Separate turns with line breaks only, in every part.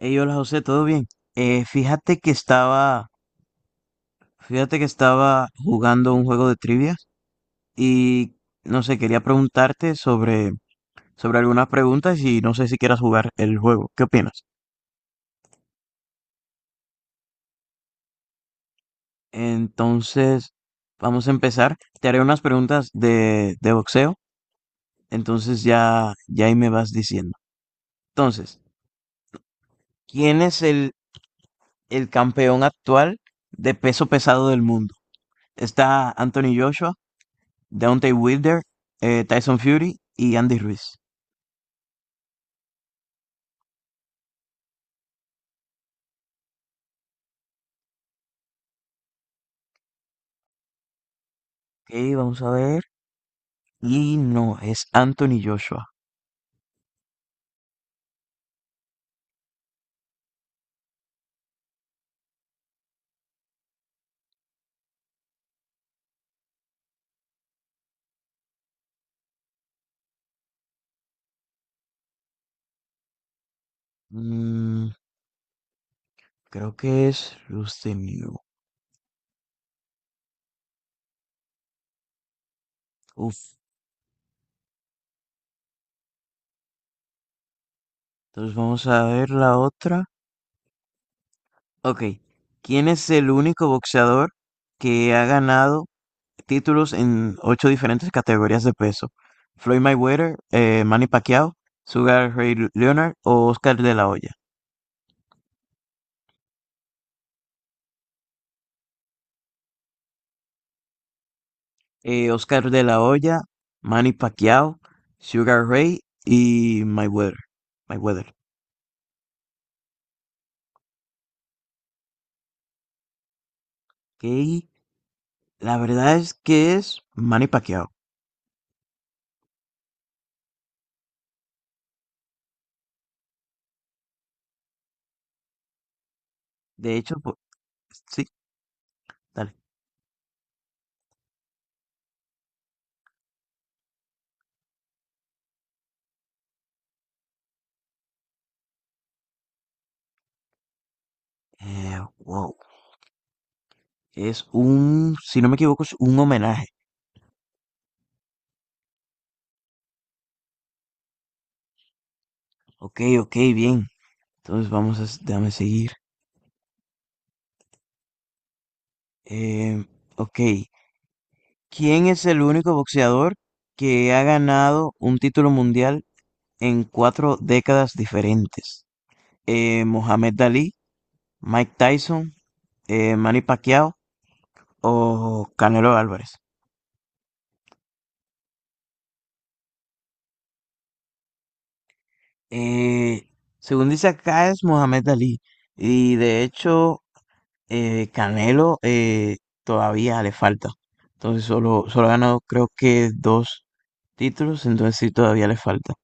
Ey, hola José, ¿todo bien? Eh, fíjate que estaba, fíjate que estaba jugando un juego de trivias y no sé, quería preguntarte sobre algunas preguntas y no sé si quieras jugar el juego. ¿Qué opinas? Entonces, vamos a empezar. Te haré unas preguntas de boxeo, entonces ya, ya ahí me vas diciendo. Entonces, ¿quién es el campeón actual de peso pesado del mundo? ¿Está Anthony Joshua? Deontay Wilder, Tyson Fury y Andy Ruiz. Ok, vamos a ver. Y no, es Anthony Joshua. Mm, creo que es Rustem Yu. Uf, entonces vamos a ver la otra. Ok, ¿quién es el único boxeador que ha ganado títulos en ocho diferentes categorías de peso? Floyd Mayweather, Manny Pacquiao, Sugar Ray Leonard o Oscar de la Hoya. Oscar de la Hoya, Manny Pacquiao, Sugar Ray y Mayweather. Mayweather. Que la verdad es que es Manny Pacquiao. De hecho, sí, dale. Wow. Es un, si no me equivoco, es un homenaje. Ok, ok, bien. Entonces vamos a, déjame seguir. Eh, ok. ¿Quién es el único boxeador que ha ganado un título mundial en cuatro décadas diferentes? Mohamed Ali. Mike Tyson, Manny Pacquiao o Canelo Álvarez. Eh, Según dice acá es Mohamed Ali y de hecho Canelo todavía le falta. Entonces solo ha ganado creo que dos títulos, entonces sí todavía le falta.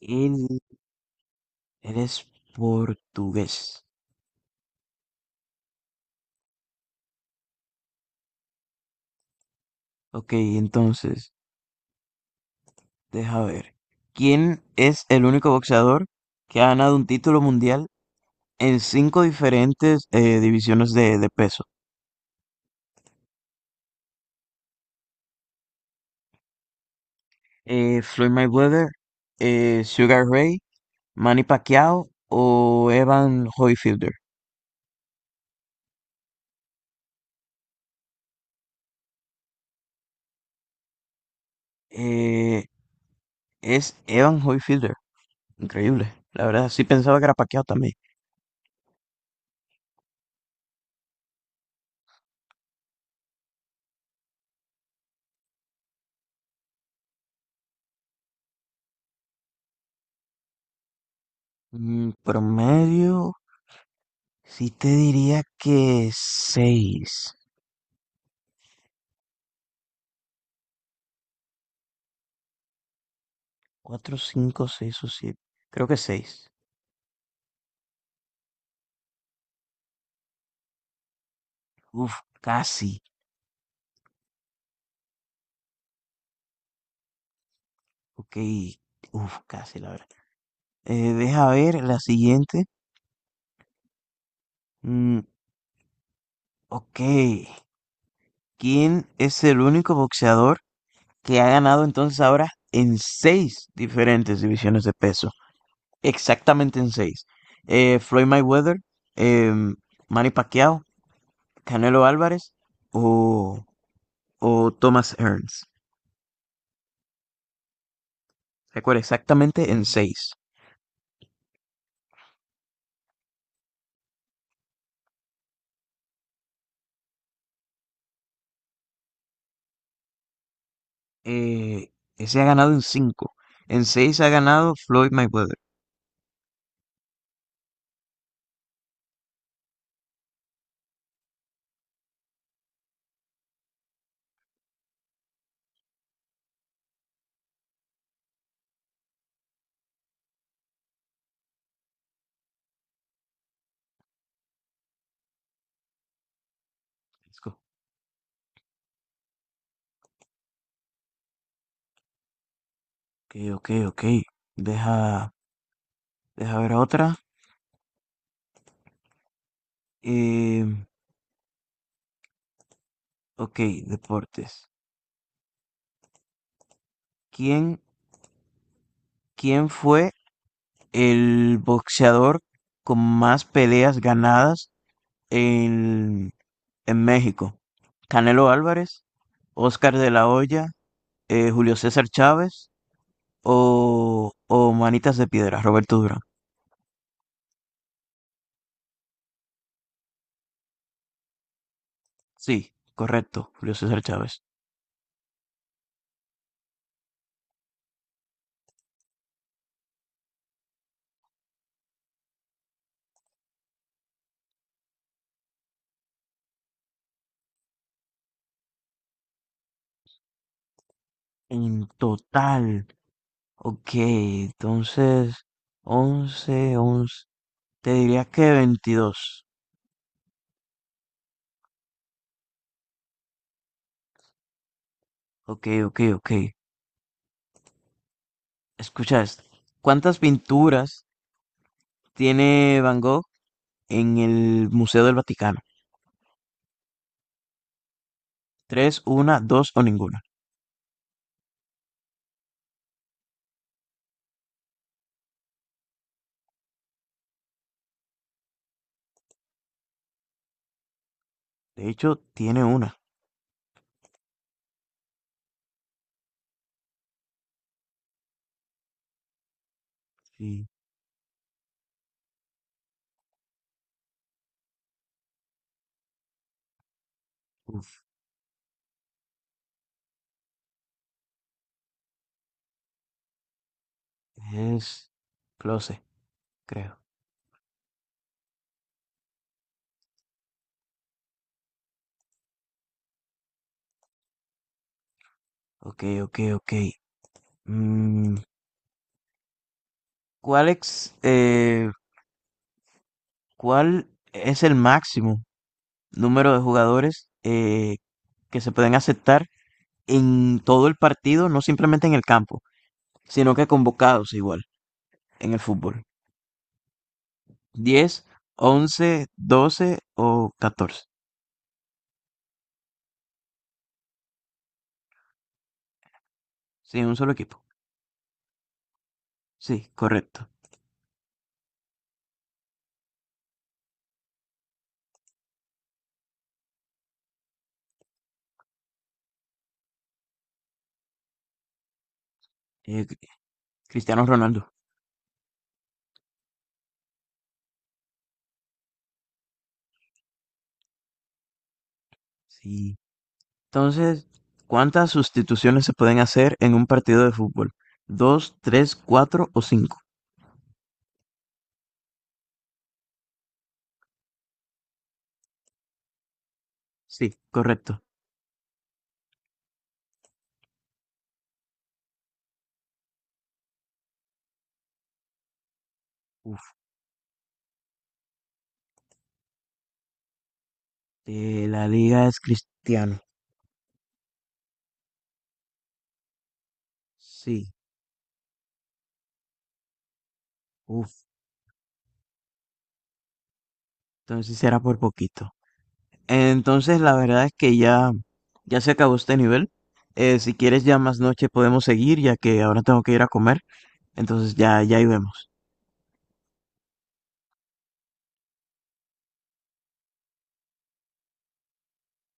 Él, él es portugués. Ok, entonces, deja ver. ¿Quién es el único boxeador que ha ganado un título mundial en cinco diferentes divisiones de peso. Floyd Mayweather, Sugar Ray, Manny Pacquiao o Evan Hoyfielder. Eh, es Evan Hoyfielder. Increíble. La verdad, sí pensaba que era Pacquiao también. Promedio, sí te diría que seis cuatro cinco seis o siete. Creo que seis. Uf, casi. Ok. Uf, casi, la verdad. Deja ver la siguiente. Mm, Ok, ¿quién es el único boxeador que ha ganado entonces ahora en seis diferentes divisiones de peso? Exactamente en seis. Floyd Mayweather, em, Manny Pacquiao, Canelo Álvarez o, o Thomas Hearns. Recuerda, exactamente en seis. Eh, Ese ha ganado en cinco. En seis ha ganado Floyd Mayweather. Let's go. Ok, ok, ok. Deja, deja ver otra. Em, Ok, deportes. ¿Quién, quién fue el boxeador con más peleas ganadas en, en México? ¿Canelo Álvarez, Oscar de la Hoya, Julio César Chávez o Manitas de Piedra, Roberto Durán? Sí, correcto, Julio César Chávez. En total, ok, entonces 11, 11. Te diría que 22. Ok, ok, ok. Escucha esto. ¿Cuántas pinturas tiene Van Gogh en el Museo del Vaticano? Tres, una, dos o ninguna. De hecho, tiene una. Sí. Uf, es close, creo. Ok, ok, ok. Mm, ¿Cuál cuál es el máximo número de jugadores que se pueden aceptar en todo el partido, no simplemente en el campo, sino que convocados igual en el fútbol? 10, 11, 12 o 14. Sí, un solo equipo. Sí, correcto. Eh, Cri- Cristiano Ronaldo. Sí. Entonces, ¿cuántas sustituciones se pueden hacer en un partido de fútbol? ¿Dos, tres, cuatro o cinco? Sí, correcto. Uf, la liga es Cristiano. Sí. Uf, entonces era por poquito. Entonces, la verdad es que ya, ya se acabó este nivel. Si quieres, ya más noche podemos seguir, ya que ahora tengo que ir a comer. Entonces, ya, ya ahí vemos.